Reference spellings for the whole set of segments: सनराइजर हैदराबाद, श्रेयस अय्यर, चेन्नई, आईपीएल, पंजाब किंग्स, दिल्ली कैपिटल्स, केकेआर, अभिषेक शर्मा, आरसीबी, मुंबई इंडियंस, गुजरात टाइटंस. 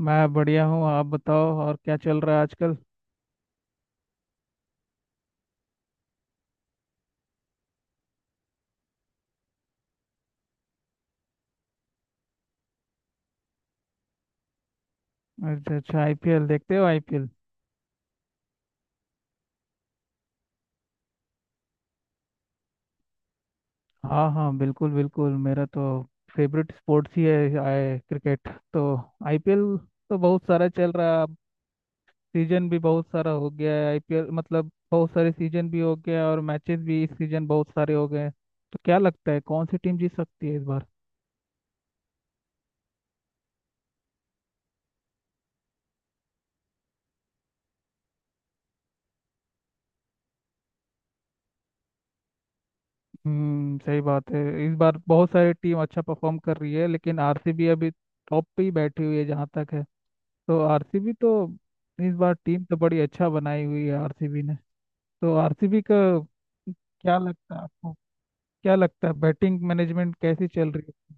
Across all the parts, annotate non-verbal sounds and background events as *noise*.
मैं बढ़िया हूँ। आप बताओ और क्या चल रहा है आजकल। अच्छा अच्छा, आईपीएल देखते हो आईपीएल? हाँ हाँ बिल्कुल बिल्कुल, मेरा तो फेवरेट स्पोर्ट्स ही है क्रिकेट तो। आईपीएल तो बहुत सारा चल रहा है अब। सीजन भी बहुत सारा हो गया है आईपीएल, मतलब बहुत सारे सीजन भी हो गया और मैचेस भी इस सीजन बहुत सारे हो गए हैं। तो क्या लगता है कौन सी टीम जीत सकती है इस बार? हम्म, सही बात है। इस बार बहुत सारी टीम अच्छा परफॉर्म कर रही है लेकिन आरसीबी अभी टॉप पे ही बैठी हुई है जहाँ तक है। तो आरसीबी तो इस बार टीम तो बड़ी अच्छा बनाई हुई है आरसीबी ने। तो आरसीबी का क्या लगता है आपको? क्या लगता है बैटिंग मैनेजमेंट कैसी चल रही है?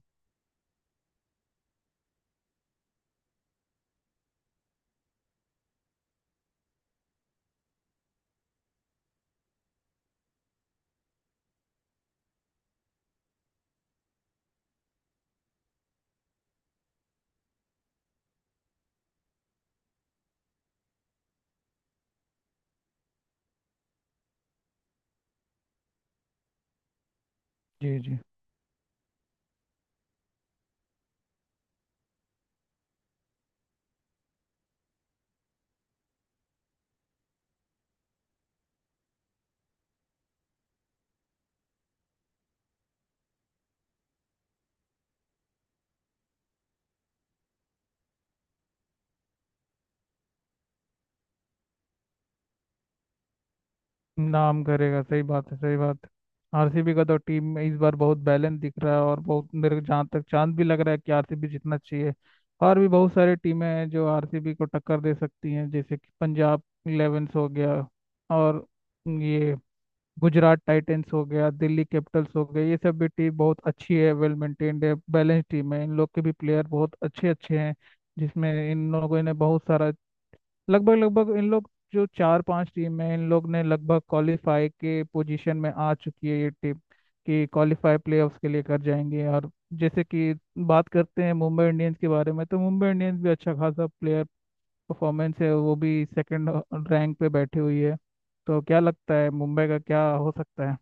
जी जी, नाम करेगा। सही बात है, सही बात है। आरसीबी का तो टीम में इस बार बहुत बैलेंस दिख रहा है, और बहुत मेरे को जहाँ तक चांद भी लग रहा है कि आरसीबी जितना चाहिए। और भी बहुत सारी टीमें हैं जो आरसीबी को टक्कर दे सकती हैं, जैसे कि पंजाब इलेवेंस हो गया, और ये गुजरात टाइटंस हो गया, दिल्ली कैपिटल्स हो गई। ये सब भी टीम बहुत अच्छी है, वेल मेंटेन्ड है, बैलेंस टीम है, इन लोग के भी प्लेयर बहुत अच्छे अच्छे हैं। जिसमें इन लोगों ने बहुत सारा, लगभग लगभग इन लोग जो चार पांच टीम है, इन लोग ने लगभग क्वालिफाई के पोजीशन में आ चुकी है ये टीम, कि क्वालिफाई प्लेऑफ्स के लिए कर जाएंगे। और जैसे कि बात करते हैं मुंबई इंडियंस के बारे में, तो मुंबई इंडियंस भी अच्छा खासा प्लेयर परफॉर्मेंस है, वो भी सेकंड रैंक पे बैठी हुई है। तो क्या लगता है मुंबई का क्या हो सकता है?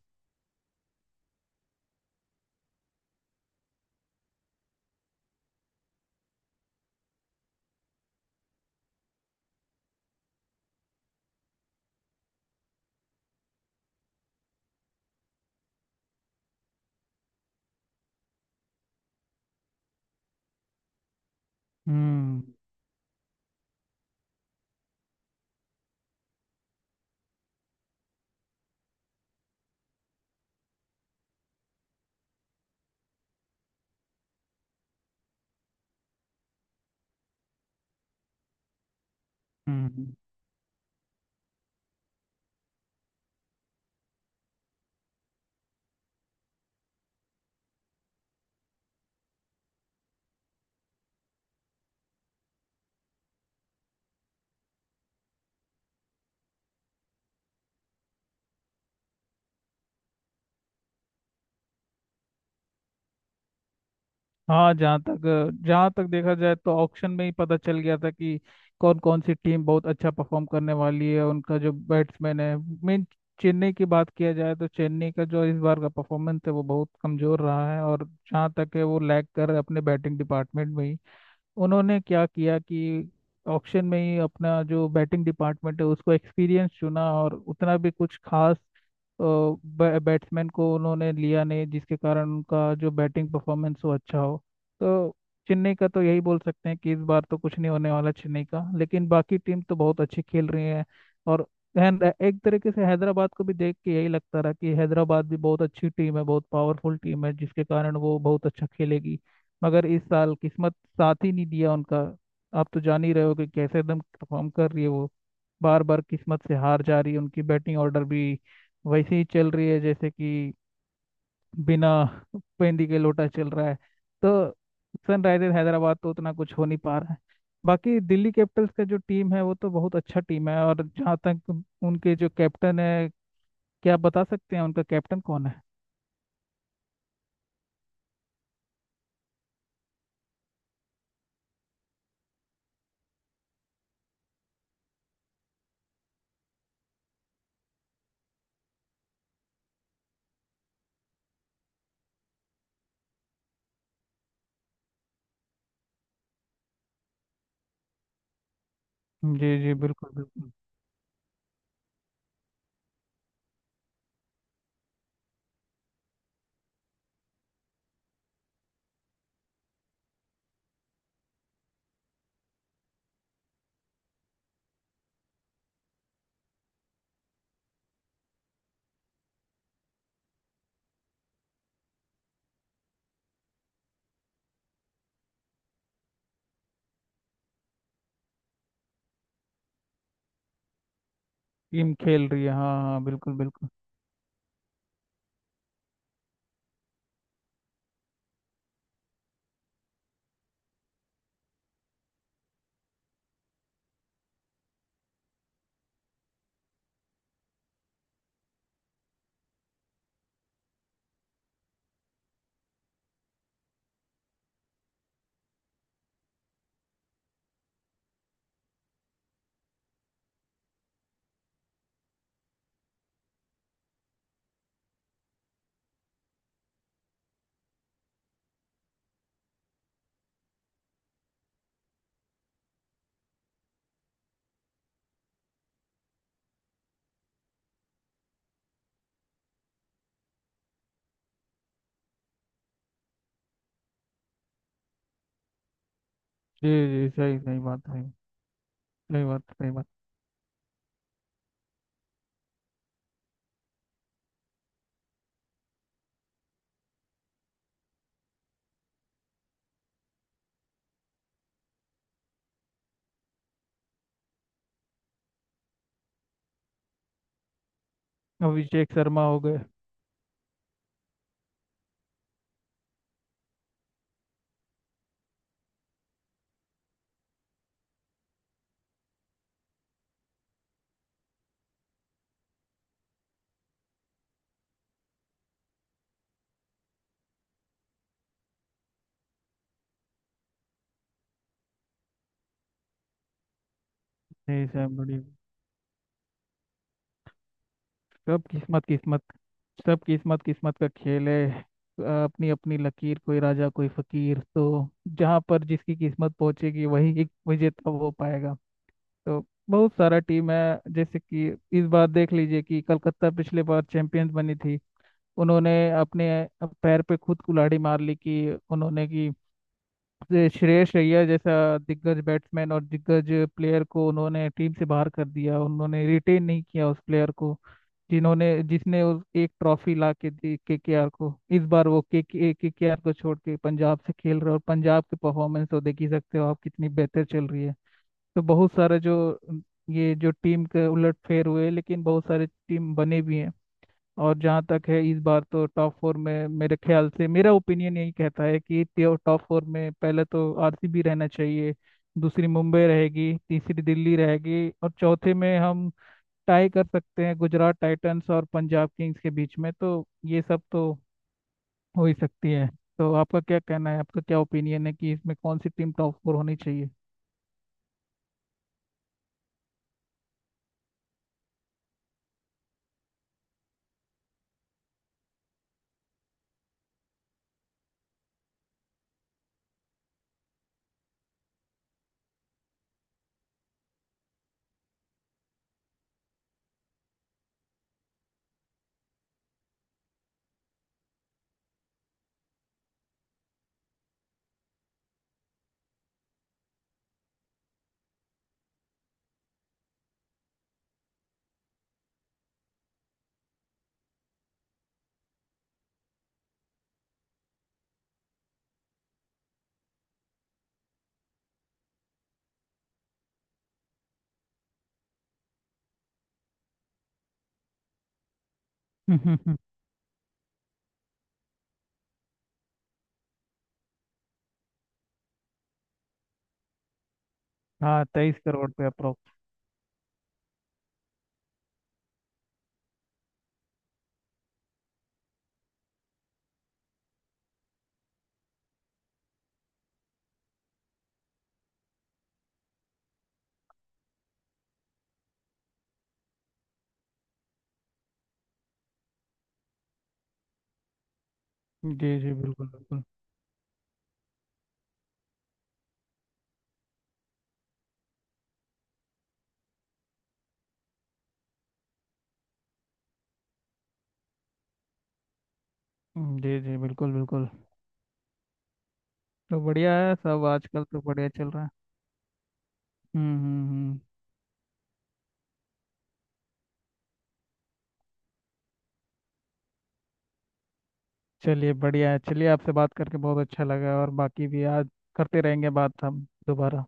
हम्म हम्म हाँ, जहाँ तक देखा जाए तो ऑक्शन में ही पता चल गया था कि कौन कौन सी टीम बहुत अच्छा परफॉर्म करने वाली है उनका जो बैट्समैन है मेन। चेन्नई की बात किया जाए तो चेन्नई का जो इस बार का परफॉर्मेंस है वो बहुत कमजोर रहा है, और जहाँ तक है वो लैग कर रहा है अपने बैटिंग डिपार्टमेंट में ही। उन्होंने क्या किया कि ऑक्शन में ही अपना जो बैटिंग डिपार्टमेंट है उसको एक्सपीरियंस चुना, और उतना भी कुछ खास बैट्समैन को उन्होंने लिया नहीं, जिसके कारण उनका जो बैटिंग परफॉर्मेंस वो अच्छा हो। तो चेन्नई का तो यही बोल सकते हैं कि इस बार तो कुछ नहीं होने वाला चेन्नई का, लेकिन बाकी टीम तो बहुत अच्छी खेल रही है। और एक तरीके से हैदराबाद को भी देख के यही लगता रहा कि हैदराबाद भी बहुत अच्छी टीम है, बहुत पावरफुल टीम है, जिसके कारण वो बहुत अच्छा खेलेगी, मगर इस साल किस्मत साथ ही नहीं दिया उनका। आप तो जान ही रहे हो कि कैसे एकदम परफॉर्म कर रही है वो। बार बार किस्मत से हार जा रही है। उनकी बैटिंग ऑर्डर भी वैसे ही चल रही है जैसे कि बिना पेंदी के लोटा चल रहा है। तो सनराइजर हैदराबाद तो उतना कुछ हो नहीं पा रहा है। बाकी दिल्ली कैपिटल्स का जो टीम है वो तो बहुत अच्छा टीम है, और जहाँ तक उनके जो कैप्टन है, क्या आप बता सकते हैं उनका कैप्टन कौन है? जी जी बिल्कुल बिल्कुल, टीम खेल रही है। हाँ हाँ बिल्कुल बिल्कुल। जी जी, सही सही बात है। सही बात, सही बात। अभिषेक शर्मा हो गए। नहीं, सैम बड़ी। सब किस्मत किस्मत सब किस्मत किस्मत का खेल है। अपनी अपनी लकीर, कोई राजा कोई फकीर। तो जहां पर जिसकी किस्मत पहुंचेगी वही एक विजेता हो पाएगा। तो बहुत सारा टीम है, जैसे कि इस बार देख लीजिए कि कलकत्ता पिछले बार चैंपियंस बनी थी, उन्होंने अपने पैर पे खुद कुल्हाड़ी मार ली कि उन्होंने कि ये श्रेयस अय्यर जैसा दिग्गज बैट्समैन और दिग्गज प्लेयर को उन्होंने टीम से बाहर कर दिया, उन्होंने रिटेन नहीं किया उस प्लेयर को, जिन्होंने जिसने उस एक ट्रॉफी ला के दी केकेआर को। इस बार वो के केकेआर को छोड़ के पंजाब से खेल रहे, और पंजाब की परफॉर्मेंस तो देख ही सकते हो आप, कितनी बेहतर चल रही है। तो बहुत सारे जो ये जो टीम के उलटफेर हुए, लेकिन बहुत सारे टीम बने भी हैं। और जहाँ तक है, इस बार तो टॉप फोर में मेरे ख्याल से मेरा ओपिनियन यही कहता है कि टॉप फोर में पहले तो आरसीबी रहना चाहिए, दूसरी मुंबई रहेगी, तीसरी दिल्ली रहेगी, और चौथे में हम टाई कर सकते हैं गुजरात टाइटंस और पंजाब किंग्स के बीच में। तो ये सब तो हो ही सकती है। तो आपका क्या कहना है, आपका क्या ओपिनियन है कि इसमें कौन सी टीम टॉप फोर होनी चाहिए? *laughs* हाँ, 23 करोड़ पे अप्रोक्स। जी जी बिल्कुल बिल्कुल। जी जी बिल्कुल बिल्कुल। तो बढ़िया है, सब आजकल तो बढ़िया चल रहा है। हम्म हम्म हम्म। चलिए बढ़िया है, चलिए आपसे बात करके बहुत अच्छा लगा, और बाकी भी आज करते रहेंगे बात हम दोबारा।